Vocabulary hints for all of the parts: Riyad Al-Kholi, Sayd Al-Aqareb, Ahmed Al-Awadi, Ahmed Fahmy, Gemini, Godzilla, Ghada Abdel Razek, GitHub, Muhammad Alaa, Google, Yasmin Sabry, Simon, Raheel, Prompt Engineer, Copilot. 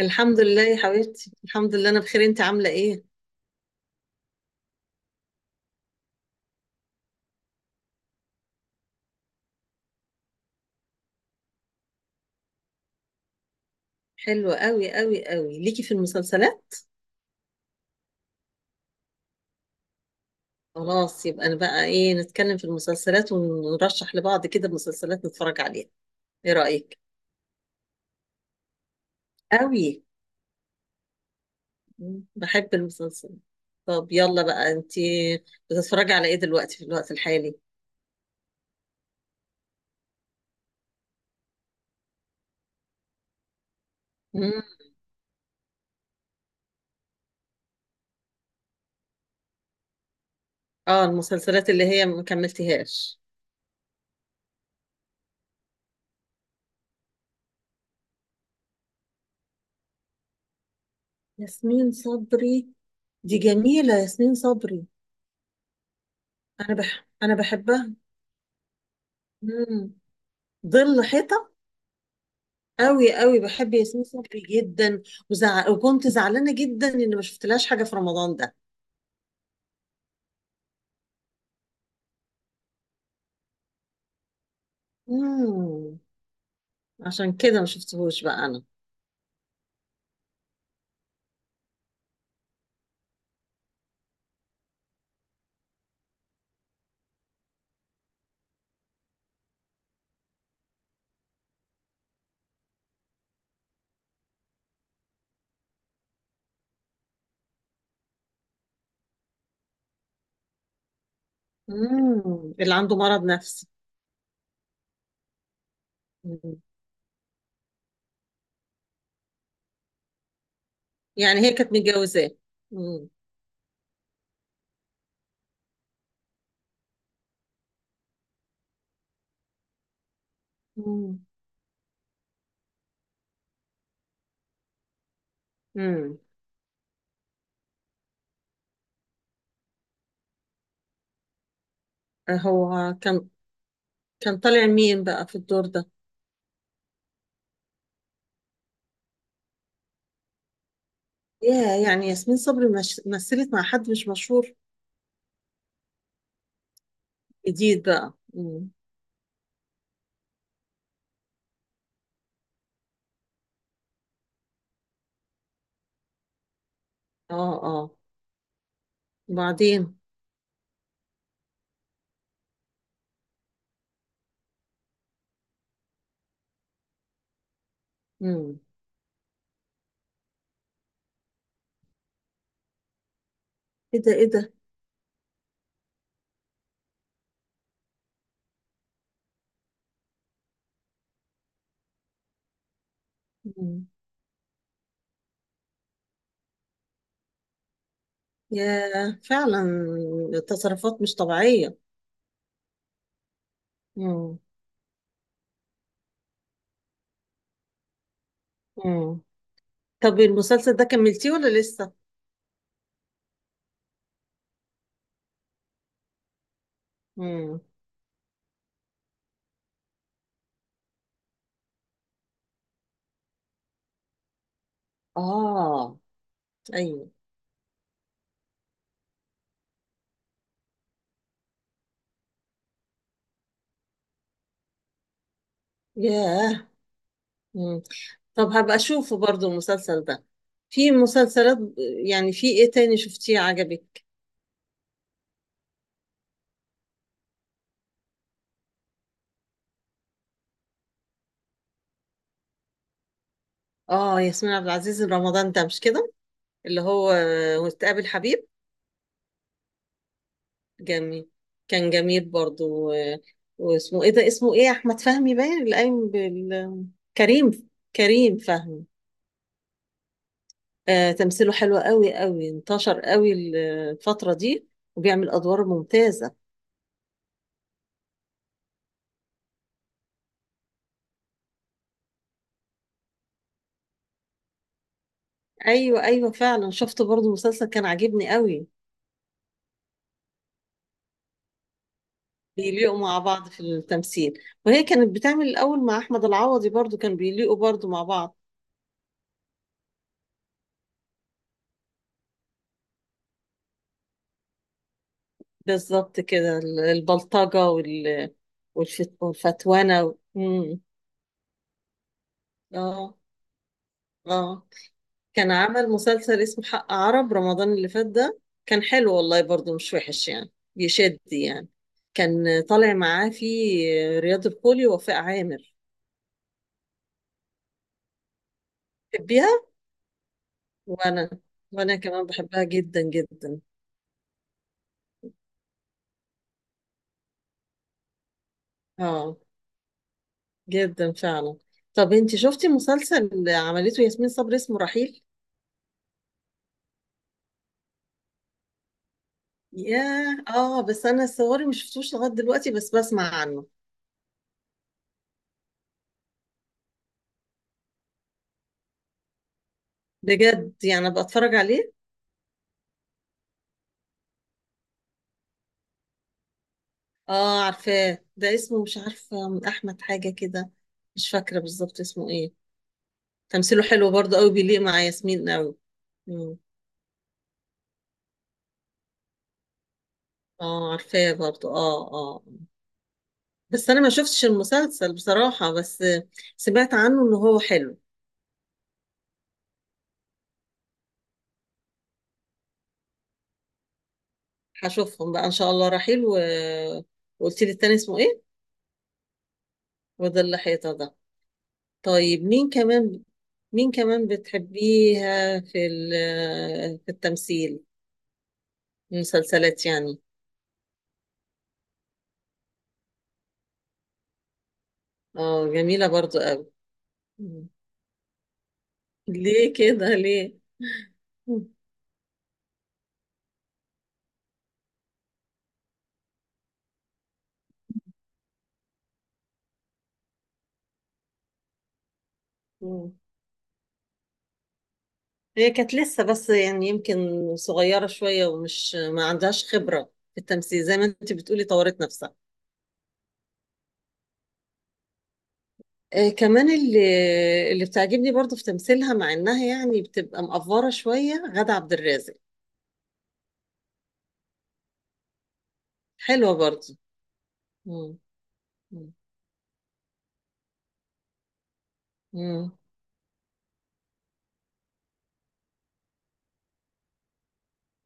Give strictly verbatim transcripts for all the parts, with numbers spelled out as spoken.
الحمد لله يا حبيبتي، الحمد لله انا بخير. انت عامله ايه؟ حلوه قوي قوي قوي ليكي في المسلسلات. خلاص، يبقى انا بقى ايه، نتكلم في المسلسلات ونرشح لبعض كده مسلسلات نتفرج عليها. ايه رايك؟ قوي. بحب المسلسل. طب يلا بقى، انت بتتفرجي على ايه دلوقتي في الوقت الحالي؟ مم. اه، المسلسلات اللي هي ما كملتهاش. ياسمين صبري؟ دي جميله ياسمين صبري. انا بح انا بحبها. مم. ظل حيطه. قوي قوي، بحب ياسمين صبري جدا. وزع... وكنت زعلانه جدا ان ما شفتلهاش حاجه في رمضان ده. امم. عشان كده ما شفتهوش بقى انا. امم. اللي عنده مرض نفسي. مم. يعني هي كانت متجوزاه. امم. امم. امم. هو كان كان طالع مين بقى في الدور ده؟ يا يعني ياسمين صبري مش... مثلت مع حد مش مشهور؟ جديد بقى. امم. اه اه. وبعدين؟ امم. ايه ده؟ ايه ده؟ مم. يا فعلا، تصرفات مش طبيعية. مم. مم. طب المسلسل ده كملتيه ولا لسه؟ مم. آه. أيوه. ياه. مم. طب هبقى أشوفه برضو المسلسل ده. في مسلسلات يعني، في إيه تاني شفتيه عجبك؟ آه ياسمين عبد العزيز رمضان ده مش كده؟ اللي هو آه، وتقابل حبيب. جميل. كان جميل برضو و- واسمه إيه ده، اسمه إيه؟ أحمد فهمي باين اللي قايم بال... كريم. كريم فهمي. آه، تمثيله حلو قوي قوي، انتشر قوي ال- الفترة دي، وبيعمل أدوار ممتازة. أيوة أيوة، فعلا شفت برضو مسلسل كان عاجبني قوي. بيليقوا مع بعض في التمثيل. وهي كانت بتعمل الأول مع أحمد العوضي، برضو كان بيليقوا برضو مع بعض. بالظبط كده، ال- البلطجة وال... والفت- والفتوانة و- مم. اه اه، كان عمل مسلسل اسمه حق عرب رمضان اللي فات ده. كان حلو والله، برضو مش وحش يعني، بيشد يعني. كان طالع معاه في رياض الخولي ووفاء عامر. بتحبيها؟ وانا وانا كمان بحبها جدا جدا. اه، جدا فعلا. طب انتي شفتي مسلسل عملته ياسمين صبري اسمه رحيل؟ ياه اه، بس انا صوري مش شفتوش لغايه دلوقتي، بس بسمع عنه. بجد؟ يعني ابقى اتفرج عليه. اه عارفاه ده، اسمه مش عارفة، من أحمد حاجة كده. مش فاكرة بالظبط اسمه ايه. تمثيله حلو برضه قوي، بيليق مع ياسمين قوي. مم. اه عارفاه برضه، اه اه. بس أنا ما شفتش المسلسل بصراحة، بس سمعت عنه إن هو حلو. هشوفهم بقى إن شاء الله، رحيل و... وقلت لي التاني اسمه ايه؟ وده اللي حيطة ده. طيب مين كمان؟ مين كمان بتحبيها في ال... في التمثيل، المسلسلات يعني. اه جميلة برضه قوي. ليه كده، ليه؟ مم. مم. هي كانت لسه بس، يعني يمكن صغيرة شوية، ومش ما عندهاش خبرة في التمثيل، زي ما انت بتقولي طورت نفسها. آه كمان، اللي اللي بتعجبني برضو في تمثيلها مع انها يعني بتبقى مقفرة شوية، غادة عبد الرازق. حلوة برضو. مم. مم. مم.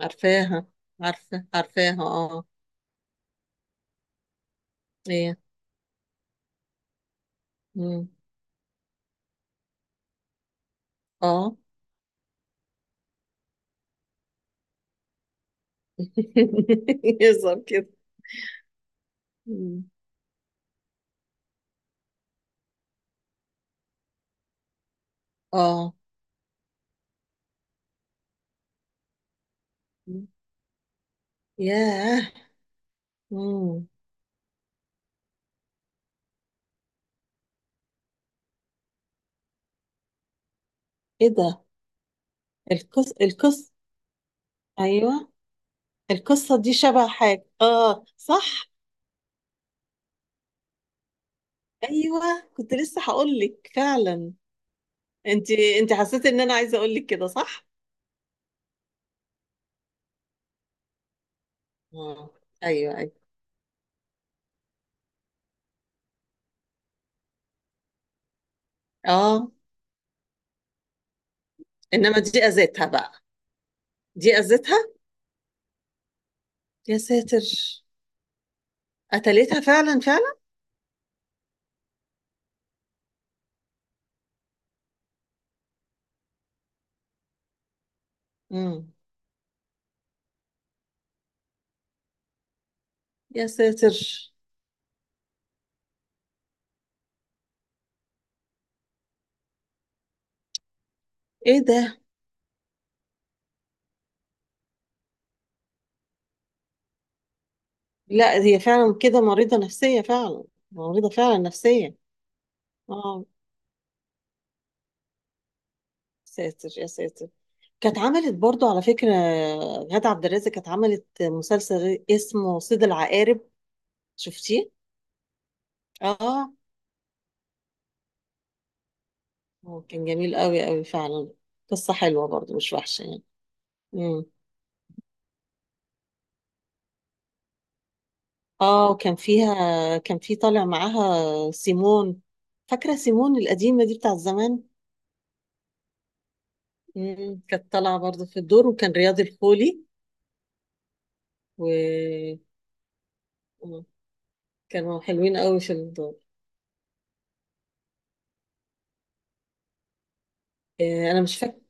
عارفاها. عارفة، عارفاها اه. ايه. مم. اه. يظهر كده. مم. اه. ياه. مم. ايه ده؟ القص القص. ايوه، القصه دي شبه حاجه، اه صح. ايوه، كنت لسه هقول لك فعلا. انت انت حسيت ان انا عايزه اقول لك كده، صح؟ اه. ايوه ايوه. اه. انما دي اذتها بقى، دي اذتها. يا ساتر. قتلتها فعلا فعلا. امم. يا ساتر. ايه ده؟ لا، هي فعلا كده مريضه نفسيه فعلا. مريضه فعلا نفسيه. اه. ساتر يا ساتر. كانت عملت برضو على فكرة، غادة عبد الرازق كانت عملت مسلسل اسمه صيد العقارب، شفتيه؟ اه، هو كان جميل قوي قوي فعلا. قصة حلوة برضو، مش وحشة يعني. مم. اه، وكان فيها، كان في طالع معاها سيمون، فاكرة سيمون القديمة دي بتاع زمان؟ مم. كانت طالعة برضو في الدور، وكان رياض الخولي. وكانوا حلوين قوي في الدور. آه انا مش فاكر،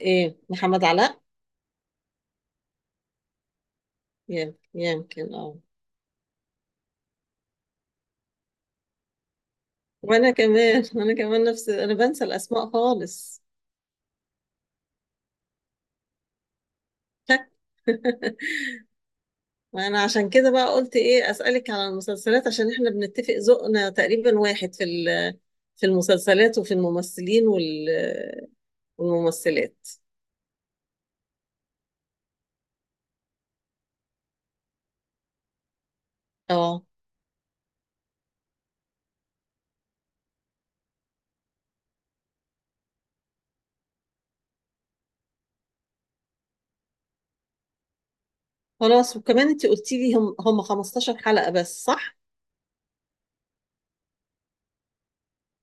ايه، محمد علاء؟ يم- يمكن اه. وانا كمان وانا كمان نفس، انا بنسى الاسماء خالص. شك. وانا عشان كده بقى قلت ايه اسالك على المسلسلات، عشان احنا بنتفق ذوقنا تقريبا واحد في ال- في المسلسلات، وفي الممثلين وال- والممثلات. اه. خلاص، وكمان انت قلتي لي هم هم خمستاشر حلقة بس، صح؟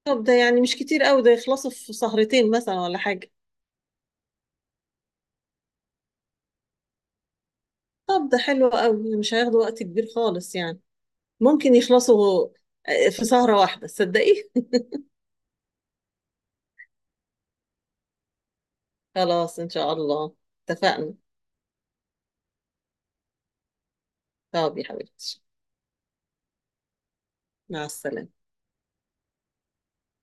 طب ده يعني مش كتير قوي، ده يخلصوا في سهرتين مثلا، ولا حاجة؟ طب ده حلو قوي، مش هياخدوا وقت كبير خالص يعني، ممكن يخلصوا آه، في سهرة واحدة، تصدقي؟ خلاص ان شاء الله، اتفقنا. طب يا حبيبتي، مع السلامة.